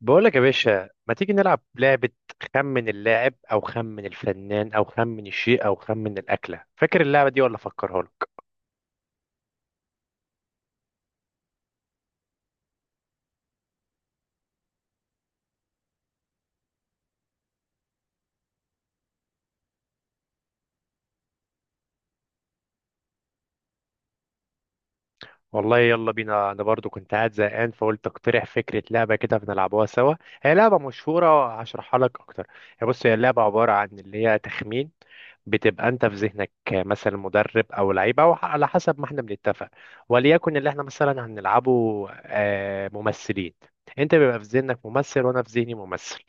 بقولك يا باشا ما تيجي نلعب لعبة؟ خمن اللاعب أو خمن الفنان أو خمن الشيء أو خمن الأكلة. فاكر اللعبة دي ولا أفكرها لك؟ والله يلا بينا، أنا برضو كنت قاعد زهقان فقلت أقترح فكرة لعبة كده بنلعبوها سوا. هي لعبة مشهورة هشرحها لك أكتر. بص، هي اللعبة عبارة عن اللي هي تخمين. بتبقى انت في ذهنك مثلا مدرب او لعيبه، او على حسب ما احنا بنتفق. وليكن اللي احنا مثلا هنلعبه ممثلين. انت بيبقى في ذهنك ممثل وانا في ذهني ممثل.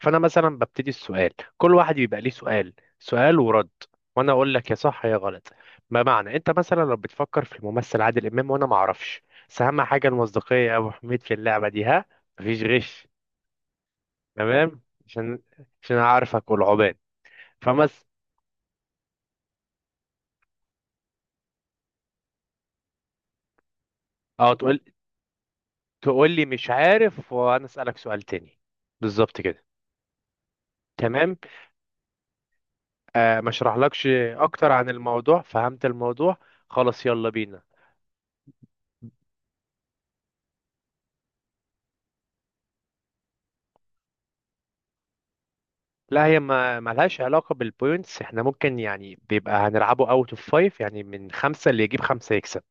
فانا مثلا ببتدي السؤال. كل واحد بيبقى ليه سؤال، سؤال ورد. وانا اقول لك يا صح يا غلط. ما معنى؟ انت مثلا لو بتفكر في الممثل عادل امام وانا ما اعرفش. بس اهم حاجه المصداقيه يا ابو حميد في اللعبه دي، ها. مفيش غش. تمام. عشان عشان اعرفك والعباد. فمس. اه، تقول لي مش عارف وانا اسالك سؤال تاني. بالظبط كده. تمام. ما اشرحلكش اكتر عن الموضوع، فهمت الموضوع. خلاص يلا بينا. لا، هي ما ملهاش علاقة بالبوينتس. احنا ممكن يعني بيبقى هنلعبه اوت اوف فايف، يعني من خمسة اللي يجيب خمسة يكسب.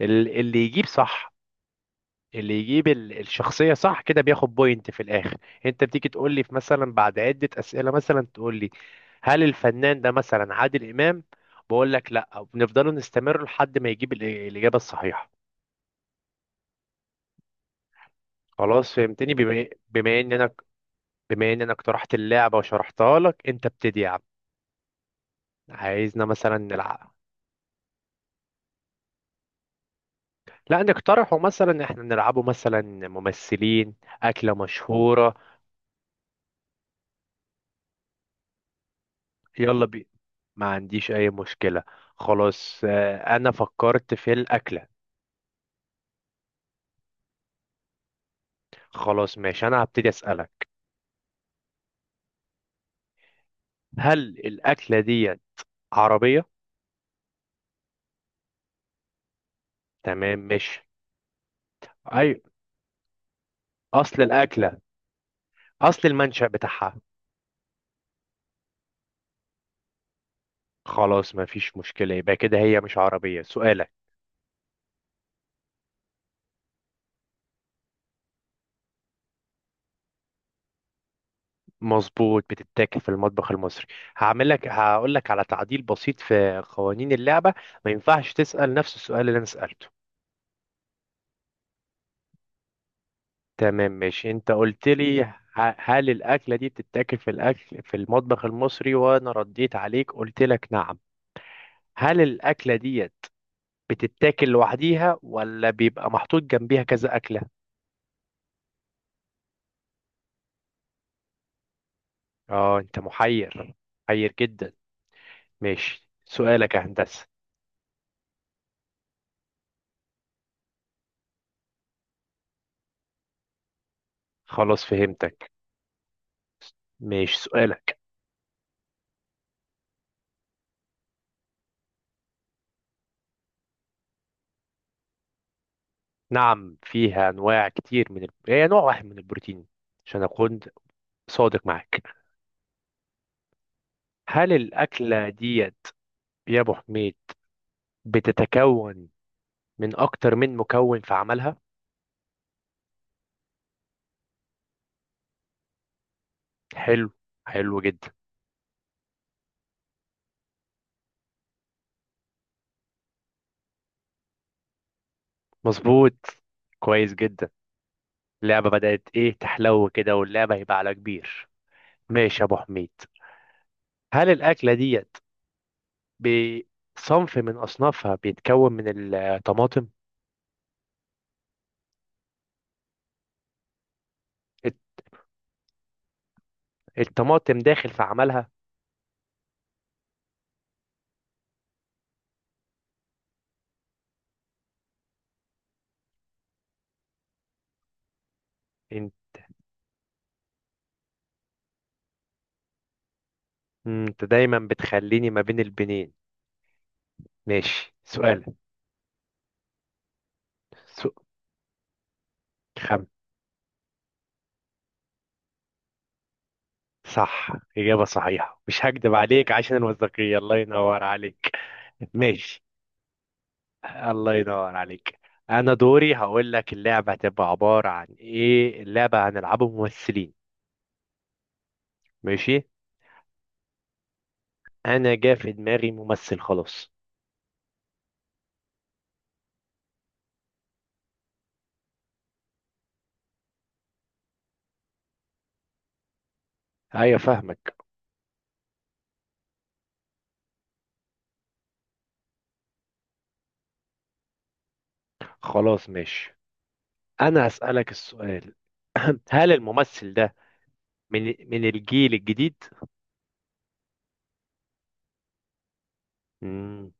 اللي يجيب صح، اللي يجيب الشخصية صح كده بياخد بوينت في الآخر. انت بتيجي تقول لي في مثلا بعد عدة أسئلة، مثلا تقول لي هل الفنان ده مثلا عادل إمام؟ بقول لك لا، وبنفضل نستمر لحد ما يجيب الإجابة الصحيحة. خلاص فهمتني بما إيه، بما ان انا بما ان انا اقترحت اللعبة وشرحتها لك، انت ابتدي يا عم. عايزنا مثلا نلعب. لا نقترحه، مثلا احنا نلعبه مثلا ممثلين. أكلة مشهورة. يلا بينا. ما عنديش اي مشكلة. خلاص، انا فكرت في الاكلة. خلاص ماشي، انا هبتدي اسألك. هل الاكلة دي عربية؟ تمام. مش اي، اصل الاكلة اصل المنشأ بتاعها. خلاص، ما فيش مشكلة. يبقى كده هي مش عربية. سؤالك. مظبوط، بتتاكل في المطبخ المصري. هعمل لك هقول لك على تعديل بسيط في قوانين اللعبة. ما ينفعش تسأل نفس السؤال اللي انا سألته. تمام ماشي. انت قلت لي هل الاكله دي بتتاكل في المطبخ المصري، وانا رديت عليك قلت لك نعم. هل الاكله ديت بتتاكل لوحديها ولا بيبقى محطوط جنبيها كذا اكله؟ اه انت محير، محير جدا. ماشي سؤالك يا هندسه. خلاص فهمتك. ماشي سؤالك. نعم فيها انواع كتير من هي نوع واحد من البروتين، عشان اكون صادق معاك. هل الاكله ديت يا ابو حميد بتتكون من اكتر من مكون في عملها؟ حلو، حلو جدا. مظبوط، كويس جدا. اللعبة بدأت ايه تحلو كده، واللعبة هيبقى على كبير. ماشي يا ابو حميد. هل الاكلة ديت بصنف من اصنافها بيتكون من الطماطم؟ الت- الطماطم داخل في عملها. انت إنت دايما بتخليني ما بين البنين. ماشي سؤال. سؤال خم صح، إجابة صحيحة. مش هكدب عليك عشان الوثائقية، الله ينور عليك. ماشي. الله ينور عليك. انا دوري هقول لك اللعبه هتبقى عباره عن ايه. اللعبه هنلعبه ممثلين. ماشي. انا جا في دماغي ممثل، خلاص. ايوه فاهمك. خلاص ماشي. انا هسالك السؤال. هل الممثل ده من من الجيل الجديد؟ مم.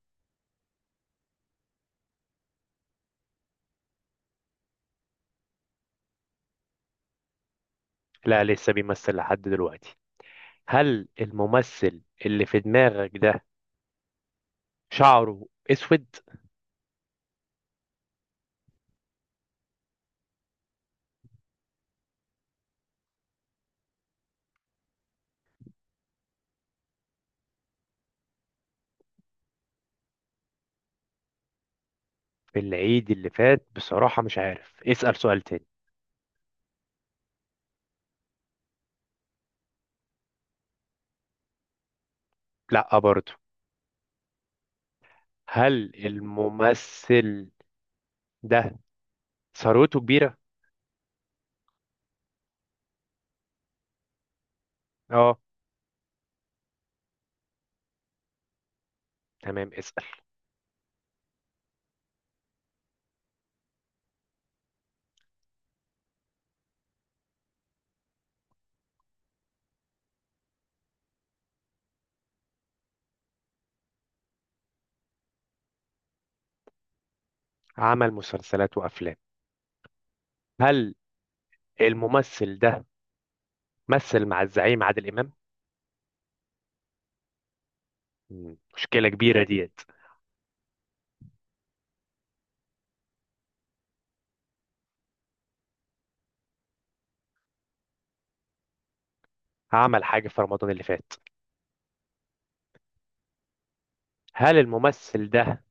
لا لسه بيمثل لحد دلوقتي. هل الممثل اللي في دماغك ده شعره اسود؟ في العيد اللي فات بصراحه مش عارف، اسال سؤال تاني. لا برضه. هل الممثل ده ثروته كبيرة؟ اه. تمام اسأل. عمل مسلسلات وأفلام. هل الممثل ده مثل مع الزعيم عادل إمام؟ مشكلة كبيرة ديت. عمل حاجة في رمضان اللي فات. هل الممثل ده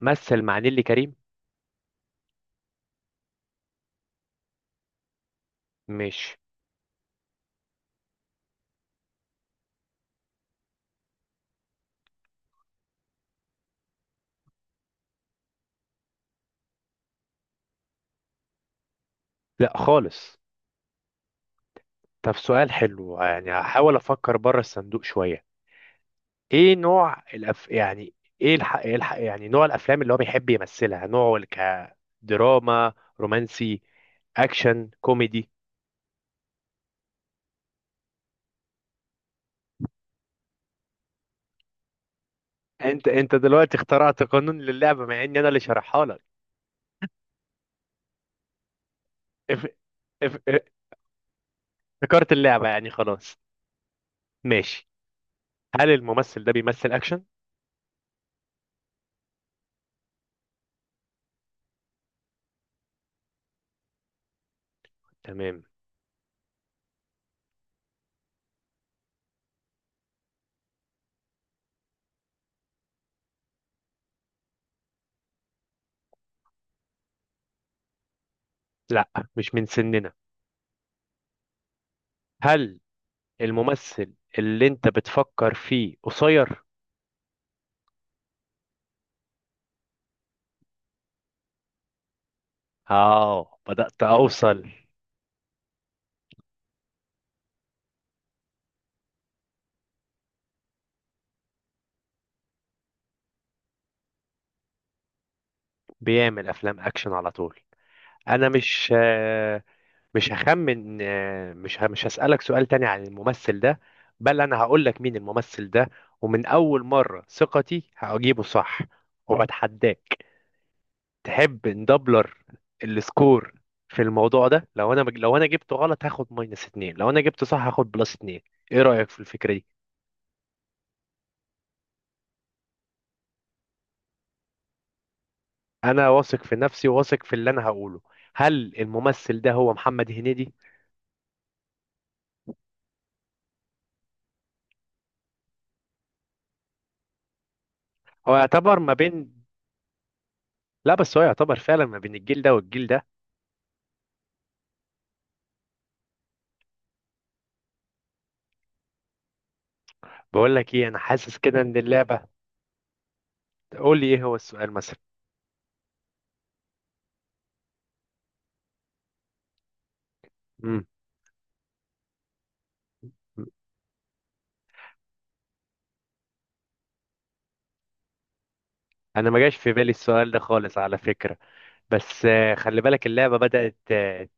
مثل مع نيللي كريم؟ مش لا خالص. طب سؤال حلو، يعني هحاول أفكر بره الصندوق شوية. ايه نوع يعني ايه يعني نوع الافلام اللي هو بيحب يمثلها، نوعه كدراما، رومانسي، اكشن، كوميدي؟ انت دلوقتي اخترعت قانون للعبه مع اني انا اللي شرحها لك. اف... اف... إف- افتكرت اللعبه يعني، خلاص. ماشي. هل الممثل ده بيمثل اكشن؟ تمام. لا مش من سننا. هل الممثل اللي انت بتفكر فيه قصير؟ اه بدأت اوصل. بيعمل افلام اكشن على طول. انا مش هخمن، مش هسألك سؤال تاني عن الممثل ده. بل انا هقول لك مين الممثل ده. ومن اول مرة ثقتي هجيبه صح، وبتحداك. تحب ندبلر السكور في الموضوع ده؟ لو انا جبته غلط هاخد ماينس اتنين، لو انا جبته صح هاخد بلس اتنين. ايه رأيك في الفكرة دي؟ انا واثق في نفسي، وواثق في اللي انا هقوله. هل الممثل ده هو محمد هنيدي؟ هو يعتبر ما بين. لا بس هو يعتبر فعلا ما بين الجيل ده والجيل ده. بقول لك ايه، انا حاسس كده ان اللعبه. قول لي ايه هو السؤال مثلا. امم. انا ما جاش في بالي السؤال ده خالص على فكره. بس خلي بالك اللعبه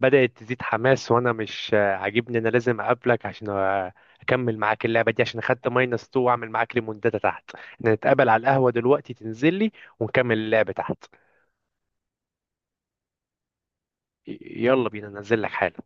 بدات تزيد حماس، وانا مش عاجبني. انا لازم اقابلك عشان اكمل معاك اللعبه دي، عشان خدت ماينس 2. واعمل معاك ليموندادا تحت. احنا نتقابل على القهوه دلوقتي، تنزل لي ونكمل اللعبه تحت. ي- يلا بينا ننزل لك حالا.